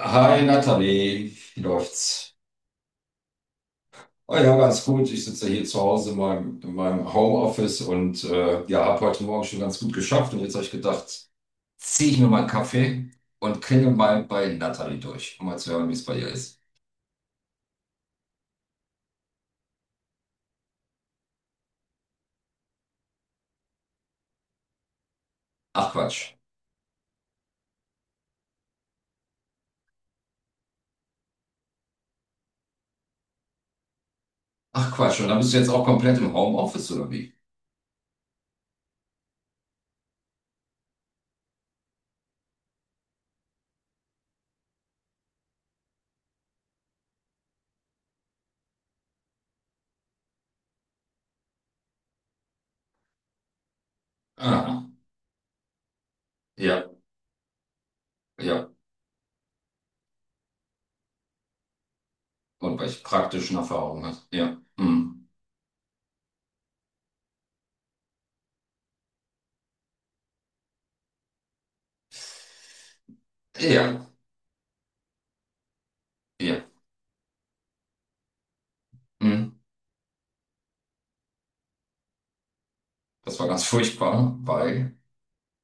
Hi Nathalie, wie läuft's? Oh ja, ganz gut. Ich sitze hier zu Hause in meinem Homeoffice und ja, habe heute Morgen schon ganz gut geschafft. Und jetzt habe ich gedacht, ziehe ich mir mal einen Kaffee und klingel mal bei Nathalie durch, um mal zu hören, wie es bei ihr ist. Ach Quatsch. Ach Quatsch. Und dann bist du jetzt auch komplett im Homeoffice oder wie? Ah, ja, ja. Und weil ich praktischen Erfahrungen habe. Ja. Hm. Ja, ja, mhm. Das war ganz furchtbar, weil,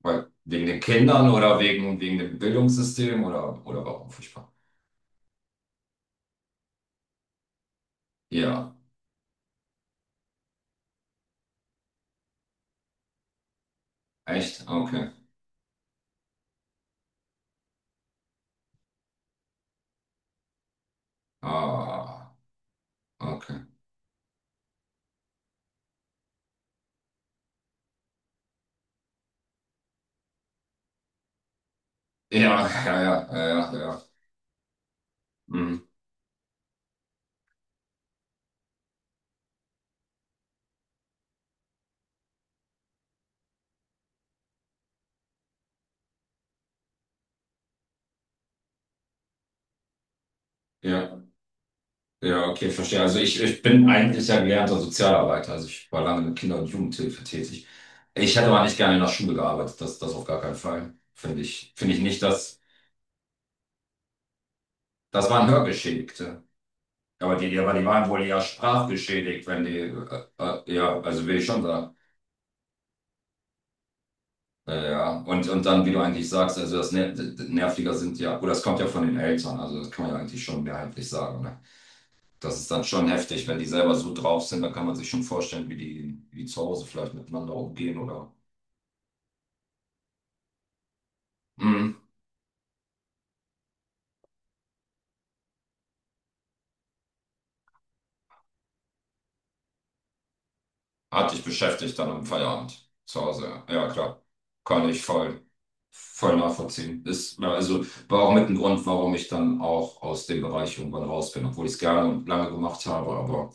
weil wegen den Kindern oder wegen dem Bildungssystem oder warum furchtbar? Ja, echt? Okay. Ah, okay. Ja, ja, ja, ja, ja. Ja, mhm. Ja, ja, okay, verstehe. Also ich bin eigentlich ja gelernter Sozialarbeiter. Also ich war lange mit Kinder- und Jugendhilfe tätig. Ich hätte aber nicht gerne in der Schule gearbeitet, das auf gar keinen Fall. Finde ich nicht, dass das waren Hörgeschädigte. Aber die, ja, aber die waren wohl eher sprachgeschädigt, wenn die, ja, also will ich schon sagen. Ja, und dann, wie du eigentlich sagst, also das Nerviger sind ja, oder das kommt ja von den Eltern, also das kann man ja eigentlich schon mehrheitlich sagen. Ne? Das ist dann schon heftig, wenn die selber so drauf sind, dann kann man sich schon vorstellen, wie die zu Hause vielleicht miteinander umgehen oder. Mhm. Hat dich beschäftigt dann am Feierabend zu Hause. Ja, klar. Kann ich voll, voll nachvollziehen. Ist, ja, also war auch mit ein Grund, warum ich dann auch aus dem Bereich irgendwann raus bin, obwohl ich es gerne und lange gemacht habe. Aber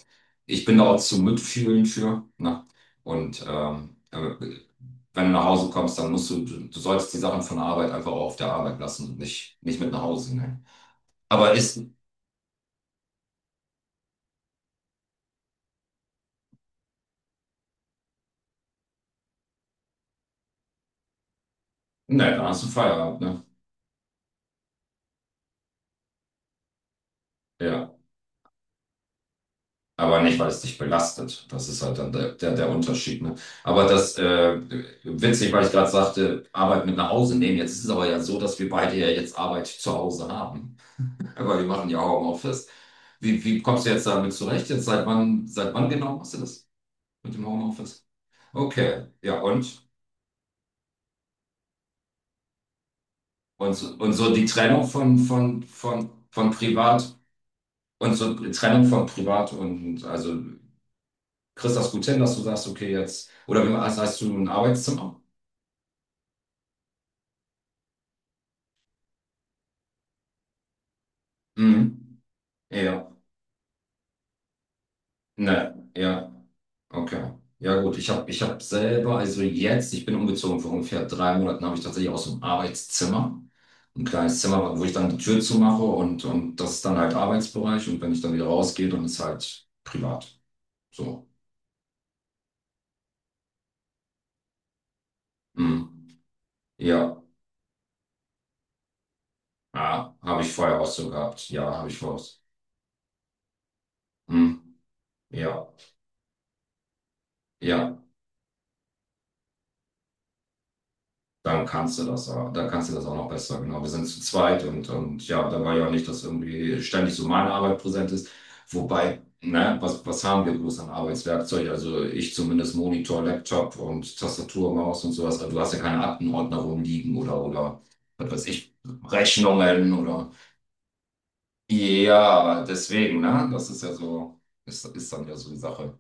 ich bin da auch zum Mitfühlen für. Ne? Und wenn du nach Hause kommst, dann musst du sollst die Sachen von der Arbeit einfach auch auf der Arbeit lassen und nicht mit nach Hause nehmen. Aber ist, ne, dann hast du Feierabend, ne? Ja. Aber nicht, weil es dich belastet. Das ist halt dann der Unterschied. Ne? Aber witzig, weil ich gerade sagte, Arbeit mit nach Hause nehmen. Jetzt ist es aber ja so, dass wir beide ja jetzt Arbeit zu Hause haben. Aber wir machen ja auch Homeoffice. Wie kommst du jetzt damit zurecht? Jetzt seit wann genau machst du das mit dem Homeoffice? Okay, ja und? Und, und so die Trennung von Privat und so die Trennung von Privat und also kriegst du das gut hin, dass du sagst, okay, jetzt, oder hast du ein Arbeitszimmer? Mhm. Ja, ne, ja, okay. Ja gut, ich habe ich hab selber, also jetzt, ich bin umgezogen vor ungefähr 3 Monaten, habe ich tatsächlich aus dem Arbeitszimmer ein kleines Zimmer, wo ich dann die Tür zumache und das ist dann halt Arbeitsbereich und wenn ich dann wieder rausgehe, dann ist halt privat. So. Mhm. Ja, ah, habe ich vorher auch so gehabt. Ja, habe ich vorher auch so. Mhm. Ja, ja. Dann kannst du dann kannst du das auch noch besser. Genau, wir sind zu zweit und ja, da war ja auch nicht, dass irgendwie ständig so meine Arbeit präsent ist. Wobei, ne, was haben wir bloß an Arbeitswerkzeug? Also ich zumindest Monitor, Laptop und Tastatur, Maus und sowas. Also du hast ja keine Aktenordner rumliegen was weiß ich, Rechnungen oder. Ja, deswegen, ne, das ist ja so, ist dann ja so die Sache,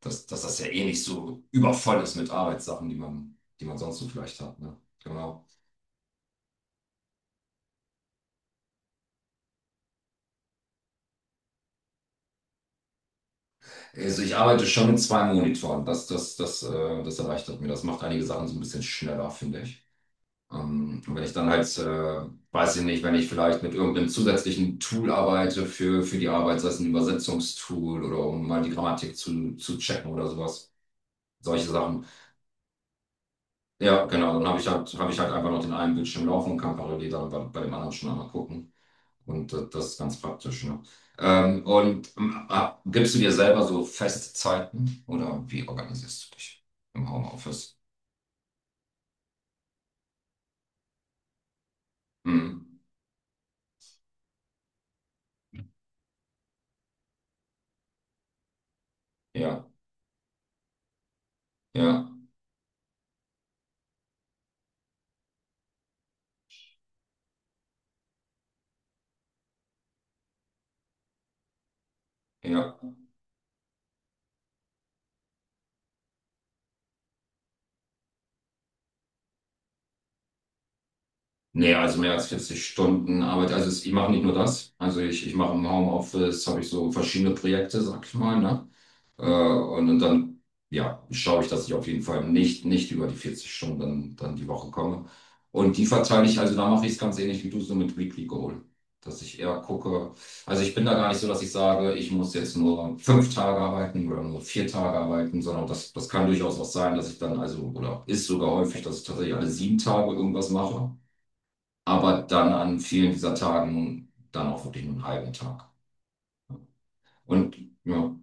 dass das ja eh nicht so übervoll ist mit Arbeitssachen, die man sonst so vielleicht hat, ne? Genau. Also ich arbeite schon mit zwei Monitoren. Das erleichtert mir. Das macht einige Sachen so ein bisschen schneller, finde ich. Und wenn ich dann halt, weiß ich nicht, wenn ich vielleicht mit irgendeinem zusätzlichen Tool arbeite für die Arbeit, sei es ein Übersetzungstool oder um mal die Grammatik zu checken oder sowas. Solche Sachen. Ja, genau. Dann habe ich halt einfach noch den einen Bildschirm laufen und kann parallel dann bei dem anderen schon einmal gucken. Und das ist ganz praktisch, ne? Und gibst du dir selber so Festzeiten oder wie organisierst du dich im Homeoffice? Hm. Ja, ja, ja. Nee, also mehr als 40 Stunden Arbeit. Also ich mache nicht nur das. Also ich mache im Homeoffice, habe ich so verschiedene Projekte, sag ich mal, ne? Und dann, ja, schaue ich, dass ich auf jeden Fall nicht über die 40 Stunden dann die Woche komme. Und die verteile ich, also da mache ich es ganz ähnlich wie du so mit Weekly Goal. Dass ich eher gucke, also ich bin da gar nicht so, dass ich sage, ich muss jetzt nur 5 Tage arbeiten oder nur 4 Tage arbeiten, sondern das kann durchaus auch sein, dass ich dann, also, oder ist sogar häufig, dass ich tatsächlich alle 7 Tage irgendwas mache, aber dann an vielen dieser Tagen dann auch wirklich nur einen halben Tag. Und ja,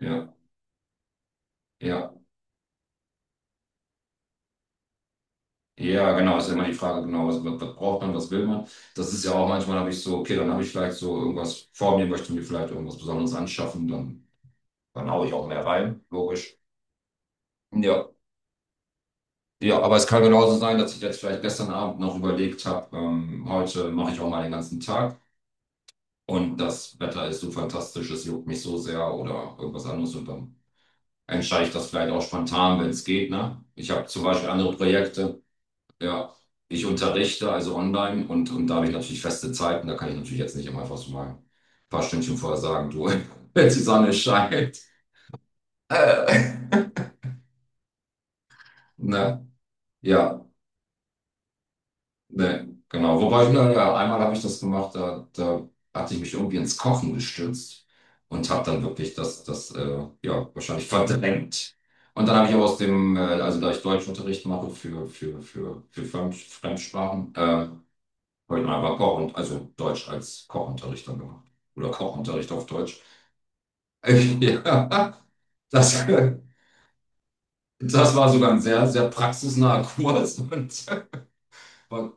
ja, ja. Ja, genau, ist ja immer die Frage, genau, was braucht man, was will man? Das ist ja auch manchmal, habe ich so, okay, dann habe ich vielleicht so irgendwas vor mir, möchte mir vielleicht irgendwas Besonderes anschaffen, dann haue ich auch mehr rein, logisch. Ja, ja, aber es kann genauso sein, dass ich jetzt vielleicht gestern Abend noch überlegt habe, heute mache ich auch mal den ganzen Tag und das Wetter ist so fantastisch, es juckt mich so sehr oder irgendwas anderes und dann entscheide ich das vielleicht auch spontan, wenn es geht, ne? Ich habe zum Beispiel andere Projekte. Ja, ich unterrichte also online und da habe ich natürlich feste Zeiten. Da kann ich natürlich jetzt nicht immer einfach so mal ein paar Stündchen vorher sagen, du, die Sonne scheint. Äh, ne, ja, ne, genau. Wobei, ne, ja, einmal habe ich das gemacht, da hatte ich mich irgendwie ins Kochen gestürzt und habe dann wirklich das ja, wahrscheinlich verdrängt. Und dann habe ich aber also da ich Deutschunterricht mache für Fremdsprachen, habe ich einfach also Deutsch als Kochunterricht dann gemacht. Oder Kochunterricht auf Deutsch. Ja, das, das war sogar ein sehr, sehr praxisnaher Kurs. Und, war-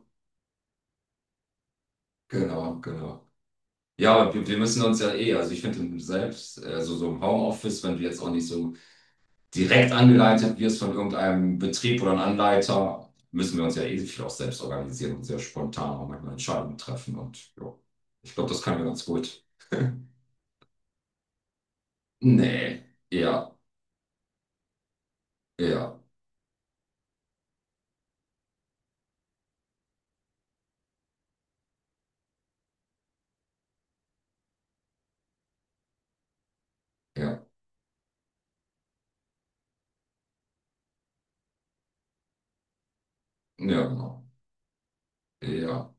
genau, genau. Ja, wir müssen uns ja eh, also ich finde selbst, also so im Homeoffice, wenn du jetzt auch nicht so direkt angeleitet wirst von irgendeinem Betrieb oder einem Anleiter, müssen wir uns ja eh viel auch selbst organisieren und sehr spontan auch manchmal Entscheidungen treffen. Und ja, ich glaube, das können wir ganz gut. Nee, ja, ja. Ja, ja, genau. Ja.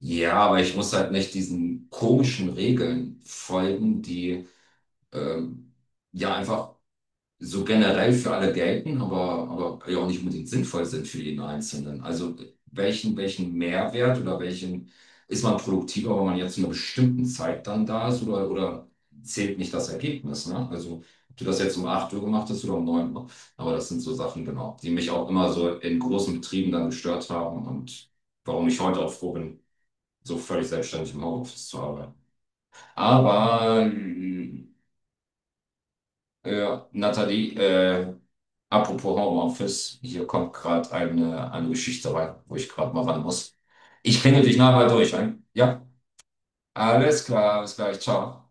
Ja, aber ich muss halt nicht diesen komischen Regeln folgen, die ähm, ja einfach so generell für alle gelten, aber ja auch nicht unbedingt sinnvoll sind für jeden Einzelnen. Also welchen Mehrwert oder welchen ist man produktiver, wenn man jetzt zu einer bestimmten Zeit dann da ist oder zählt nicht das Ergebnis, ne? Also ob du das jetzt um 8 Uhr gemacht hast oder um 9 Uhr. Aber das sind so Sachen, genau, die mich auch immer so in großen Betrieben dann gestört haben und warum ich heute auch froh bin, so völlig selbstständig im Homeoffice zu arbeiten. Aber ja, Nathalie, apropos Homeoffice, hier kommt gerade eine Geschichte rein, wo ich gerade mal ran muss. Ich klingel dich nachher durch, ein. Ja, alles klar, bis gleich, ciao.